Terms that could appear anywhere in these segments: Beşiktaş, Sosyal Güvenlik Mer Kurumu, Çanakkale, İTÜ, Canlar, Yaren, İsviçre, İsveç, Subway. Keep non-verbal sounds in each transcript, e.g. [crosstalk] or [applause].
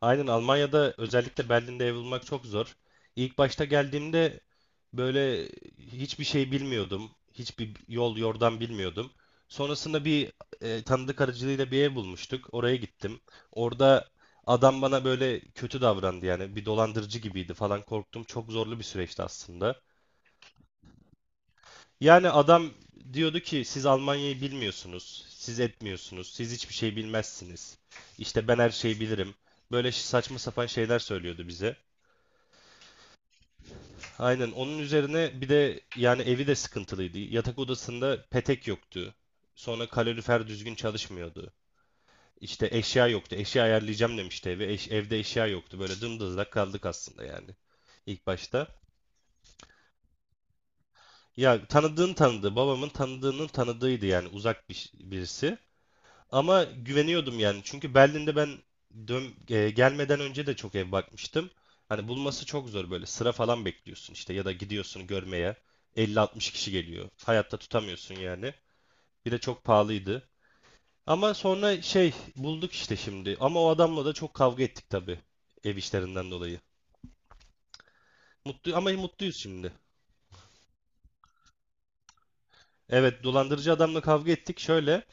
Aynen Almanya'da özellikle Berlin'de ev bulmak çok zor. İlk başta geldiğimde böyle hiçbir şey bilmiyordum. Hiçbir yol yordan bilmiyordum. Sonrasında bir tanıdık aracılığıyla bir ev bulmuştuk. Oraya gittim. Orada adam bana böyle kötü davrandı, yani bir dolandırıcı gibiydi falan, korktum. Çok zorlu bir süreçti aslında. Yani adam diyordu ki siz Almanya'yı bilmiyorsunuz, siz etmiyorsunuz, siz hiçbir şey bilmezsiniz. İşte ben her şeyi bilirim. Böyle saçma sapan şeyler söylüyordu bize. Aynen, onun üzerine bir de yani evi de sıkıntılıydı. Yatak odasında petek yoktu. Sonra kalorifer düzgün çalışmıyordu. İşte eşya yoktu. Eşya ayarlayacağım demişti eve. Evde eşya yoktu. Böyle dımdızlak kaldık aslında yani ilk başta. Ya, tanıdığın tanıdığı, babamın tanıdığının tanıdığıydı, yani uzak birisi. Ama güveniyordum yani. Çünkü Berlin'de ben gelmeden önce de çok ev bakmıştım. Hani bulması çok zor böyle. Sıra falan bekliyorsun işte, ya da gidiyorsun görmeye. 50-60 kişi geliyor. Hayatta tutamıyorsun yani. Bir de çok pahalıydı. Ama sonra şey bulduk işte, şimdi. Ama o adamla da çok kavga ettik tabii. Ev işlerinden dolayı. Mutlu, ama mutluyuz şimdi. Evet, dolandırıcı adamla kavga ettik. Şöyle.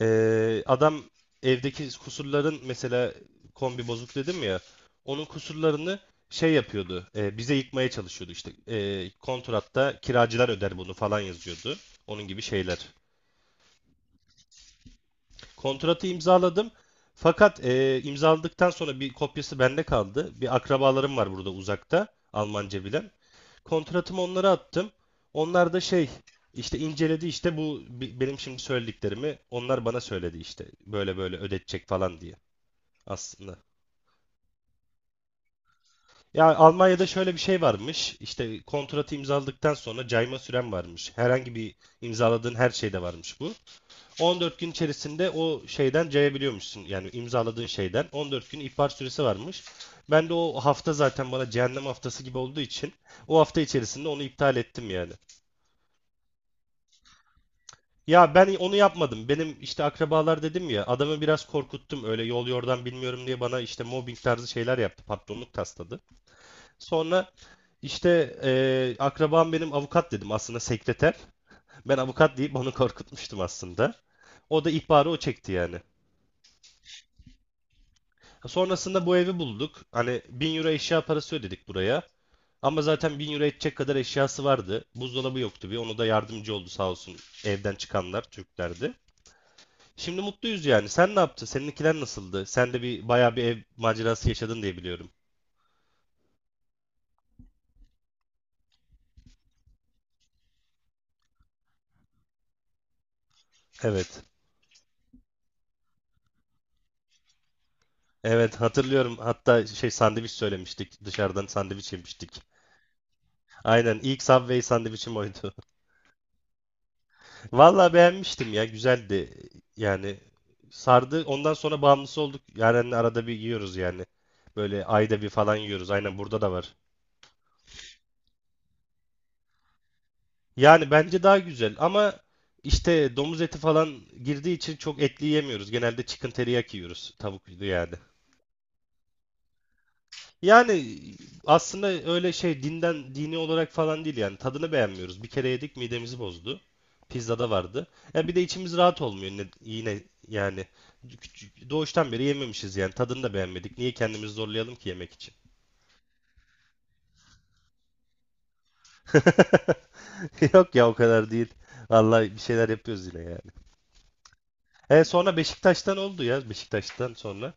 Adam evdeki kusurların, mesela kombi bozuk dedim ya, onun kusurlarını şey yapıyordu, bize yıkmaya çalışıyordu, işte kontratta kiracılar öder bunu falan yazıyordu, onun gibi şeyler. Kontratı imzaladım, fakat imzaladıktan sonra bir kopyası bende kaldı. Bir akrabalarım var burada, uzakta, Almanca bilen. Kontratımı onlara attım, onlar da şey, işte inceledi. İşte bu benim şimdi söylediklerimi onlar bana söyledi, işte böyle böyle ödetecek falan diye, aslında. Ya, Almanya'da şöyle bir şey varmış. İşte kontratı imzaladıktan sonra cayma süren varmış. Herhangi bir imzaladığın her şeyde varmış bu. 14 gün içerisinde o şeyden cayabiliyormuşsun. Yani imzaladığın şeyden 14 gün ihbar süresi varmış. Ben de o hafta zaten bana cehennem haftası gibi olduğu için, o hafta içerisinde onu iptal ettim yani. Ya, ben onu yapmadım. Benim işte akrabalar dedim ya, adamı biraz korkuttum. Öyle yol yordan bilmiyorum diye, bana işte mobbing tarzı şeyler yaptı. Patronluk tasladı. Sonra İşte akrabam benim avukat dedim, aslında sekreter. Ben avukat deyip onu [laughs] korkutmuştum aslında. O da ihbarı o çekti yani. Sonrasında bu evi bulduk. Hani 1.000 euro eşya parası ödedik buraya. Ama zaten 1.000 euro edecek kadar eşyası vardı. Buzdolabı yoktu bir. Onu da yardımcı oldu sağ olsun, evden çıkanlar Türklerdi. Şimdi mutluyuz yani. Sen ne yaptın? Seninkiler nasıldı? Sen de bir bayağı bir ev macerası yaşadın diye biliyorum. Evet. Evet, hatırlıyorum. Hatta şey, sandviç söylemiştik. Dışarıdan sandviç yemiştik. Aynen, ilk Subway sandviçim oydu. [laughs] Vallahi beğenmiştim ya, güzeldi. Yani sardı. Ondan sonra bağımlısı olduk. Yaren'le arada bir yiyoruz yani. Böyle ayda bir falan yiyoruz. Aynen, burada da var. Yani bence daha güzel, ama işte domuz eti falan girdiği için çok etli yemiyoruz. Genelde chicken teriyaki yiyoruz. Tavuk yani. Yani aslında öyle şey, dini olarak falan değil, yani tadını beğenmiyoruz. Bir kere yedik, midemizi bozdu. Pizzada vardı. Ya bir de içimiz rahat olmuyor, yine yani, doğuştan beri yememişiz, yani tadını da beğenmedik. Niye kendimizi zorlayalım ki yemek için? [laughs] Yok ya, o kadar değil. Vallahi bir şeyler yapıyoruz yine yani. Sonra Beşiktaş'tan oldu ya, Beşiktaş'tan sonra.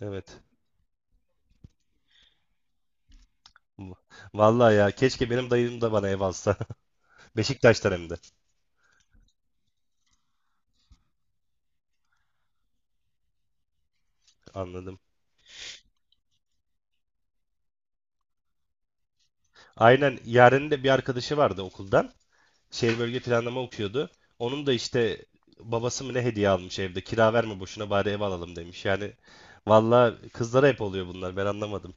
Evet. Vallahi ya, keşke benim dayım da bana ev alsa. [laughs] Beşiktaş'tan hem de. Anladım. Aynen, Yaren'in de bir arkadaşı vardı okuldan. Şehir bölge planlama okuyordu. Onun da işte babası mı ne, hediye almış evde. Kira verme boşuna, bari ev alalım demiş. Yani valla kızlara hep oluyor bunlar, ben anlamadım.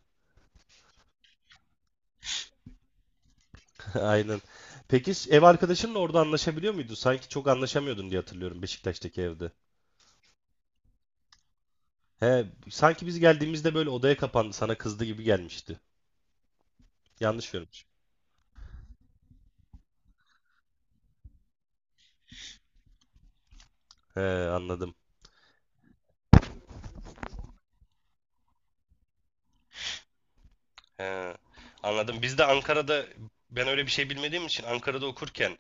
[laughs] Aynen. Peki, ev arkadaşınla orada anlaşabiliyor muydu? Sanki çok anlaşamıyordun diye hatırlıyorum, Beşiktaş'taki evde. He, sanki biz geldiğimizde böyle odaya kapandı, sana kızdı gibi gelmişti. Yanlış görmüşüm. He, anladım. He, anladım. Biz de Ankara'da, ben öyle bir şey bilmediğim için, Ankara'da okurken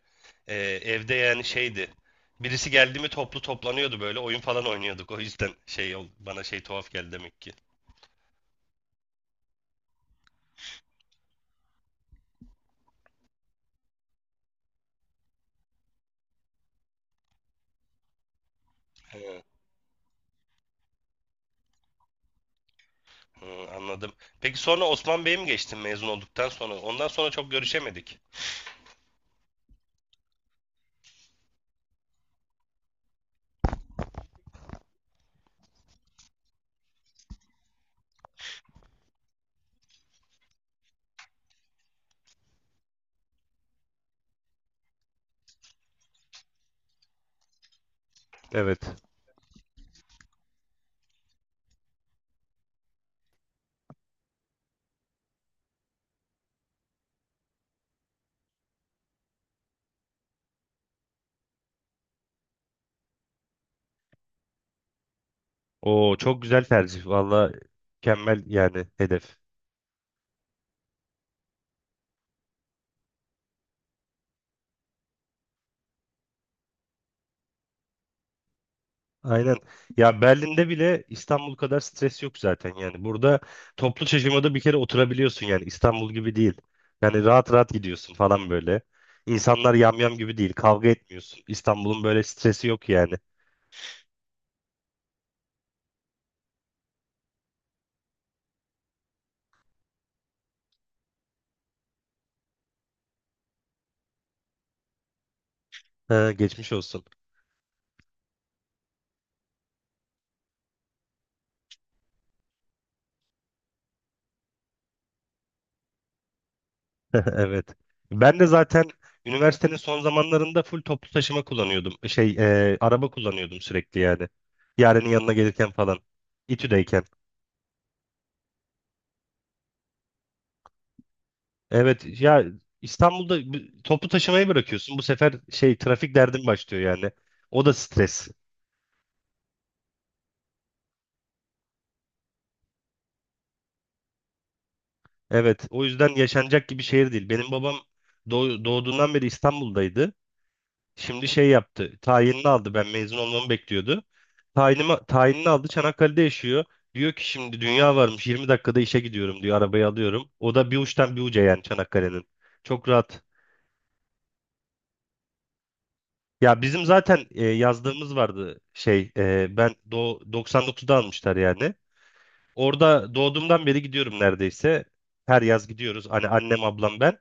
evde yani şeydi. Birisi geldi mi, toplanıyordu, böyle oyun falan oynuyorduk. O yüzden şey, bana şey tuhaf geldi demek ki. He, hı, anladım. Peki sonra Osman Bey'e mi geçtin mezun olduktan sonra? Ondan sonra çok görüşemedik. Evet. O çok güzel tercih. Valla mükemmel yani, hedef. Aynen. Ya, Berlin'de bile İstanbul kadar stres yok zaten yani. Burada toplu taşımada bir kere oturabiliyorsun yani, İstanbul gibi değil. Yani rahat rahat gidiyorsun falan böyle. İnsanlar yamyam gibi değil. Kavga etmiyorsun. İstanbul'un böyle stresi yok yani. Ha, geçmiş olsun. [laughs] Evet. Ben de zaten üniversitenin son zamanlarında full toplu taşıma kullanıyordum. Şey, araba kullanıyordum sürekli yani. Yarenin yanına gelirken falan. İTÜ'deyken. Evet ya, İstanbul'da topu taşımayı bırakıyorsun. Bu sefer şey, trafik derdin başlıyor yani. O da stres. Evet, o yüzden yaşanacak gibi şehir değil. Benim babam doğduğundan beri İstanbul'daydı. Şimdi şey yaptı. Tayinini aldı. Ben mezun olmamı bekliyordu. Tayinini aldı. Çanakkale'de yaşıyor. Diyor ki şimdi dünya varmış. 20 dakikada işe gidiyorum diyor. Arabayı alıyorum. O da bir uçtan bir uca, yani Çanakkale'nin. Çok rahat. Ya, bizim zaten yazdığımız vardı şey, e, ben do 99'da almışlar yani. Orada doğduğumdan beri gidiyorum neredeyse. Her yaz gidiyoruz. Hani annem, ablam, ben.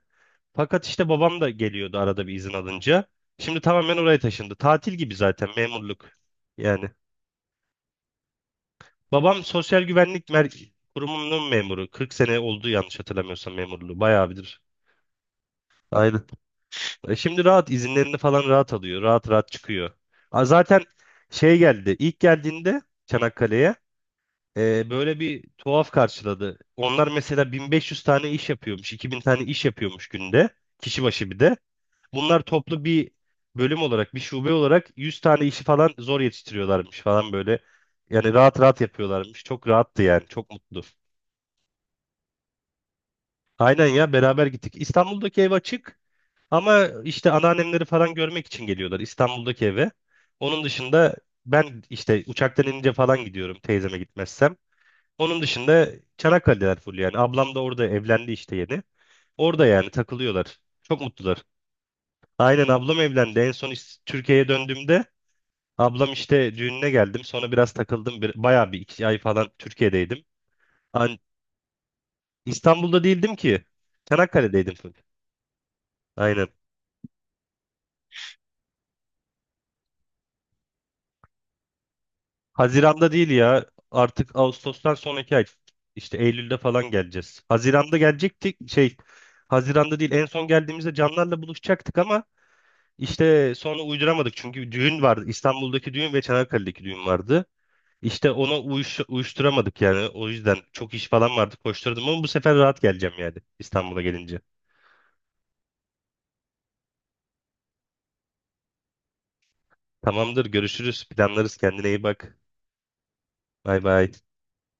Fakat işte babam da geliyordu arada bir izin alınca. Şimdi tamamen oraya taşındı. Tatil gibi zaten memurluk. Yani babam Sosyal Güvenlik Kurumu'nun memuru. 40 sene oldu, yanlış hatırlamıyorsam memurluğu. Bayağı bilir. Aynen. Şimdi rahat izinlerini falan rahat alıyor. Rahat rahat çıkıyor. Zaten şey geldi. İlk geldiğinde Çanakkale'ye, böyle bir tuhaf karşıladı. Onlar mesela 1500 tane iş yapıyormuş, 2000 tane iş yapıyormuş günde, kişi başı bir de. Bunlar toplu bir bölüm olarak, bir şube olarak 100 tane işi falan zor yetiştiriyorlarmış falan böyle. Yani rahat rahat yapıyorlarmış. Çok rahattı yani, çok mutlu. Aynen ya, beraber gittik. İstanbul'daki ev açık, ama işte anneannemleri falan görmek için geliyorlar İstanbul'daki eve. Onun dışında ben işte uçaktan inince falan gidiyorum teyzeme, gitmezsem. Onun dışında Çanakkale'deler full yani. Ablam da orada evlendi işte, yeni. Orada yani takılıyorlar. Çok mutlular. Aynen, ablam evlendi. En son Türkiye'ye döndüğümde ablam işte düğününe geldim. Sonra biraz takıldım. Bayağı bir iki ay falan Türkiye'deydim. An İstanbul'da değildim ki. Çanakkale'deydim full. Aynen. Haziran'da değil ya. Artık Ağustos'tan sonraki ay. İşte Eylül'de falan geleceğiz. Haziran'da gelecektik. Şey, Haziran'da değil. En son geldiğimizde Canlar'la buluşacaktık, ama İşte sonra uyduramadık, çünkü düğün vardı. İstanbul'daki düğün ve Çanakkale'deki düğün vardı. İşte ona uyuşturamadık yani. O yüzden çok iş falan vardı, koşturdum, ama bu sefer rahat geleceğim yani, İstanbul'a gelince. Tamamdır, görüşürüz, planlarız, kendine iyi bak. Bay bay.